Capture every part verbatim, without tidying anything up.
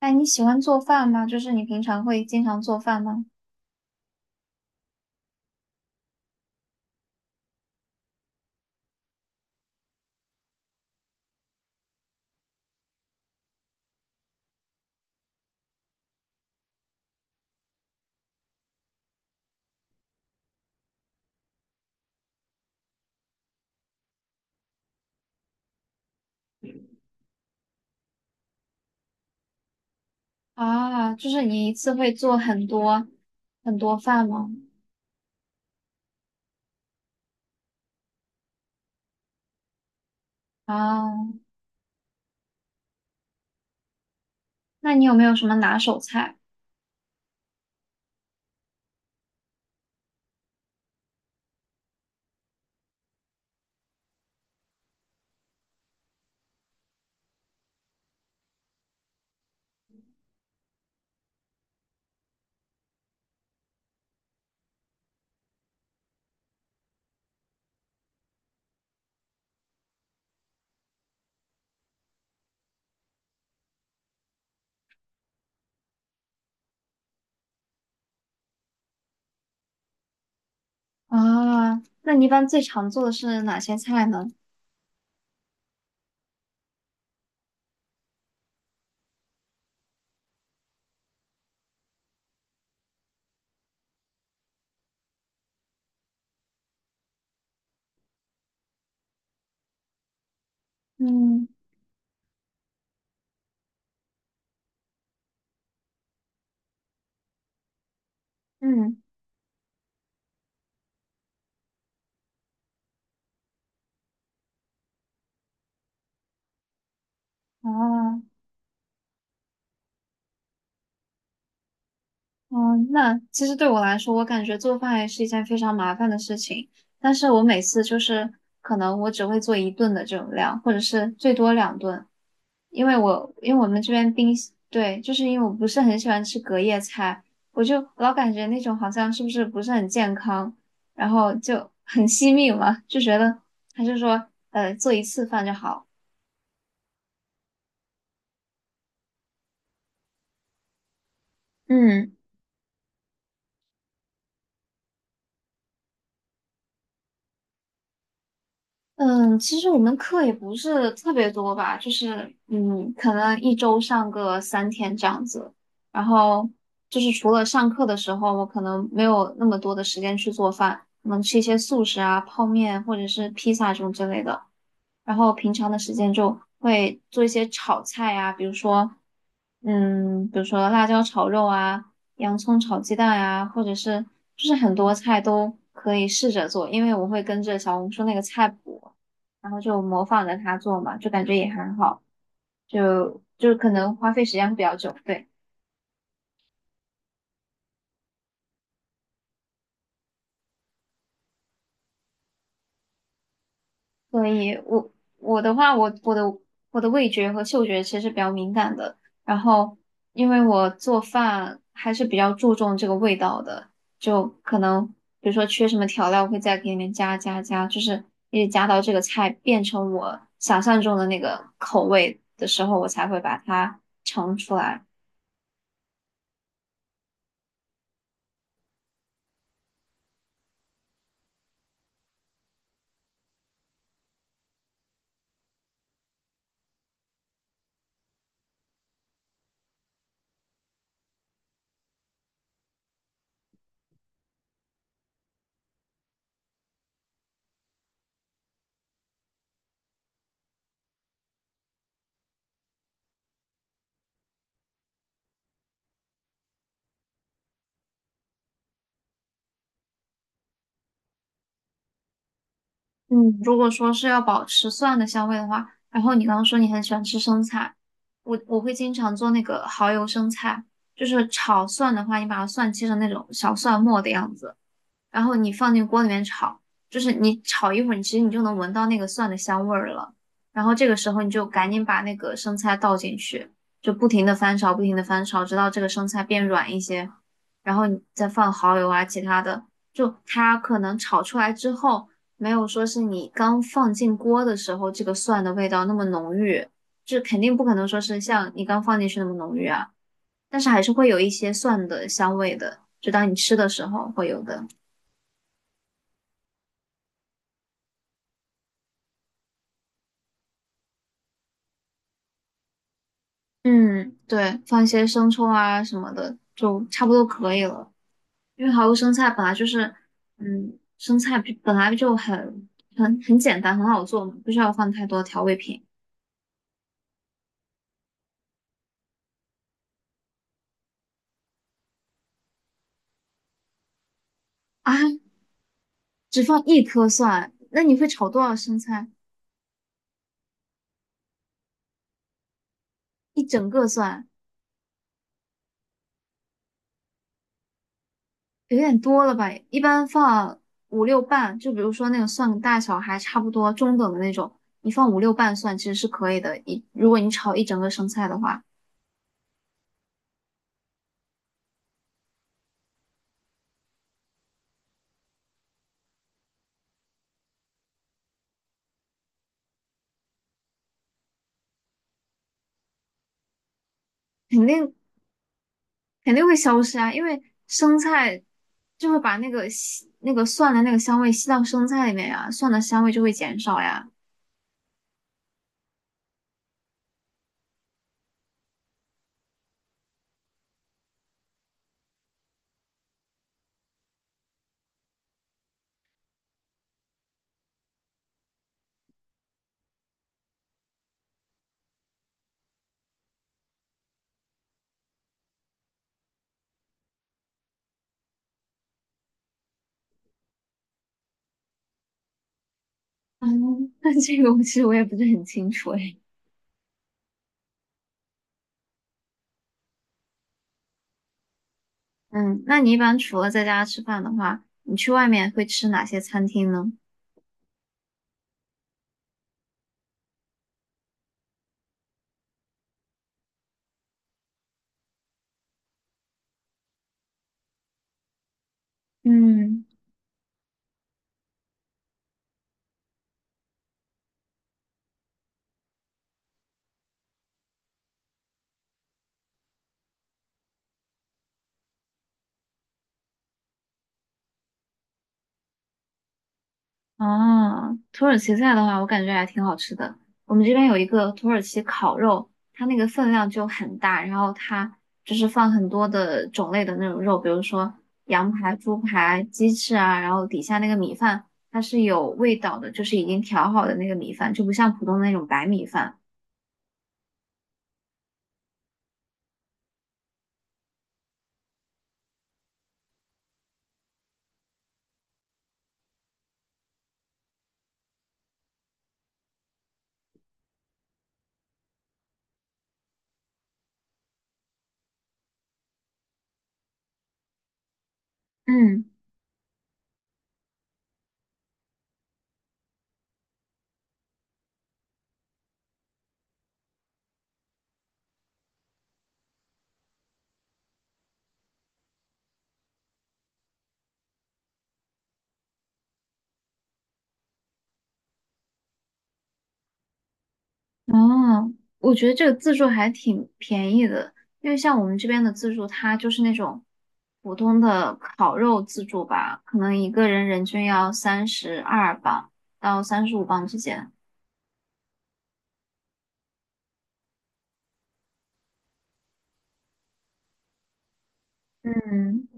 哎，你喜欢做饭吗？就是你平常会经常做饭吗？啊，就是你一次会做很多很多饭吗？啊，那你有没有什么拿手菜？啊，那你一般最常做的是哪些菜呢？嗯嗯。哦哦。那其实对我来说，我感觉做饭也是一件非常麻烦的事情。但是我每次就是可能我只会做一顿的这种量，或者是最多两顿。因为我因为我们这边冰箱对，就是因为我不是很喜欢吃隔夜菜，我就老感觉那种好像是不是不是很健康，然后就很 惜命嘛，就觉得还是说呃做一次饭就好。嗯。嗯，其实我们课也不是特别多吧，就是嗯，可能一周上个三天这样子。然后就是除了上课的时候，我可能没有那么多的时间去做饭，可能吃一些素食啊、泡面或者是披萨这种之类的。然后平常的时间就会做一些炒菜啊，比如说，嗯，比如说辣椒炒肉啊，洋葱炒鸡蛋呀、或者是就是很多菜都可以试着做，因为我会跟着小红书那个菜谱，然后就模仿着它做嘛，就感觉也很好，就就可能花费时间会比较久，对。所以我我的话，我我的我的味觉和嗅觉其实比较敏感的。然后，因为我做饭还是比较注重这个味道的，就可能比如说缺什么调料，我会在里面加加加，就是一直加到这个菜变成我想象中的那个口味的时候，我才会把它盛出来。嗯，如果说是要保持蒜的香味的话，然后你刚刚说你很喜欢吃生菜，我我会经常做那个蚝油生菜，就是炒蒜的话，你把它蒜切成那种小蒜末的样子，然后你放进锅里面炒，就是你炒一会儿，你其实你就能闻到那个蒜的香味儿了。然后这个时候你就赶紧把那个生菜倒进去，就不停的翻炒，不停的翻炒，直到这个生菜变软一些，然后你再放蚝油啊，其他的，就它可能炒出来之后，没有说是你刚放进锅的时候这个蒜的味道那么浓郁，就肯定不可能说是像你刚放进去那么浓郁啊，但是还是会有一些蒜的香味的，就当你吃的时候会有的。嗯，对，放一些生抽啊什么的，就差不多可以了。因为蚝油生菜本来就是，嗯，生菜比本来就很很很简单，很好做嘛，不需要放太多调味品啊。只放一颗蒜，那你会炒多少生菜？一整个蒜有点多了吧？一般放五六瓣，就比如说那个蒜大小还差不多中等的那种，你放五六瓣蒜其实是可以的。一如果你炒一整个生菜的话。肯定肯定会消失啊，因为生菜就会把那个吸那个蒜的那个香味吸到生菜里面呀，蒜的香味就会减少呀。嗯，那这个我其实我也不是很清楚诶。嗯，那你一般除了在家吃饭的话，你去外面会吃哪些餐厅呢？嗯。哦，土耳其菜的话，我感觉还挺好吃的。我们这边有一个土耳其烤肉，它那个分量就很大，然后它就是放很多的种类的那种肉，比如说羊排、猪排、鸡翅啊，然后底下那个米饭它是有味道的，就是已经调好的那个米饭，就不像普通的那种白米饭。嗯。哦，我觉得这个自助还挺便宜的，因为像我们这边的自助，它就是那种普通的烤肉自助吧，可能一个人人均要三十二磅到三十五磅之间。嗯。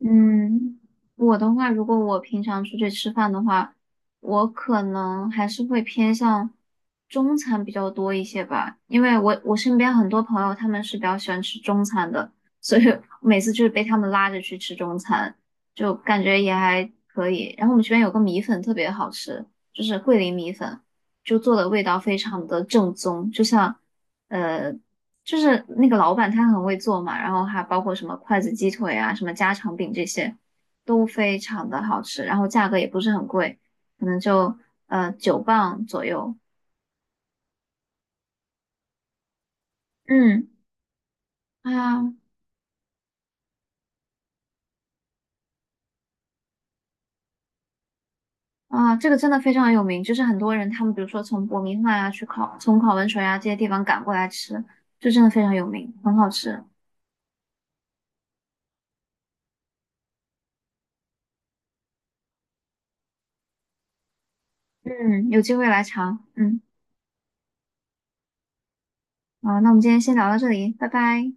嗯，我的话，如果我平常出去吃饭的话，我可能还是会偏向中餐比较多一些吧，因为我我身边很多朋友他们是比较喜欢吃中餐的，所以 每次就是被他们拉着去吃中餐，就感觉也还可以。然后我们这边有个米粉特别好吃，就是桂林米粉，就做的味道非常的正宗，就像。呃。就是那个老板他很会做嘛，然后还包括什么筷子鸡腿啊、什么家常饼这些，都非常的好吃，然后价格也不是很贵，可能就呃九磅左右。嗯，哎呀啊，这个真的非常有名，就是很多人他们比如说从伯明翰啊去考，从考文垂啊这些地方赶过来吃，就真的非常有名，很好吃。嗯，有机会来尝。嗯，好，那我们今天先聊到这里，拜拜。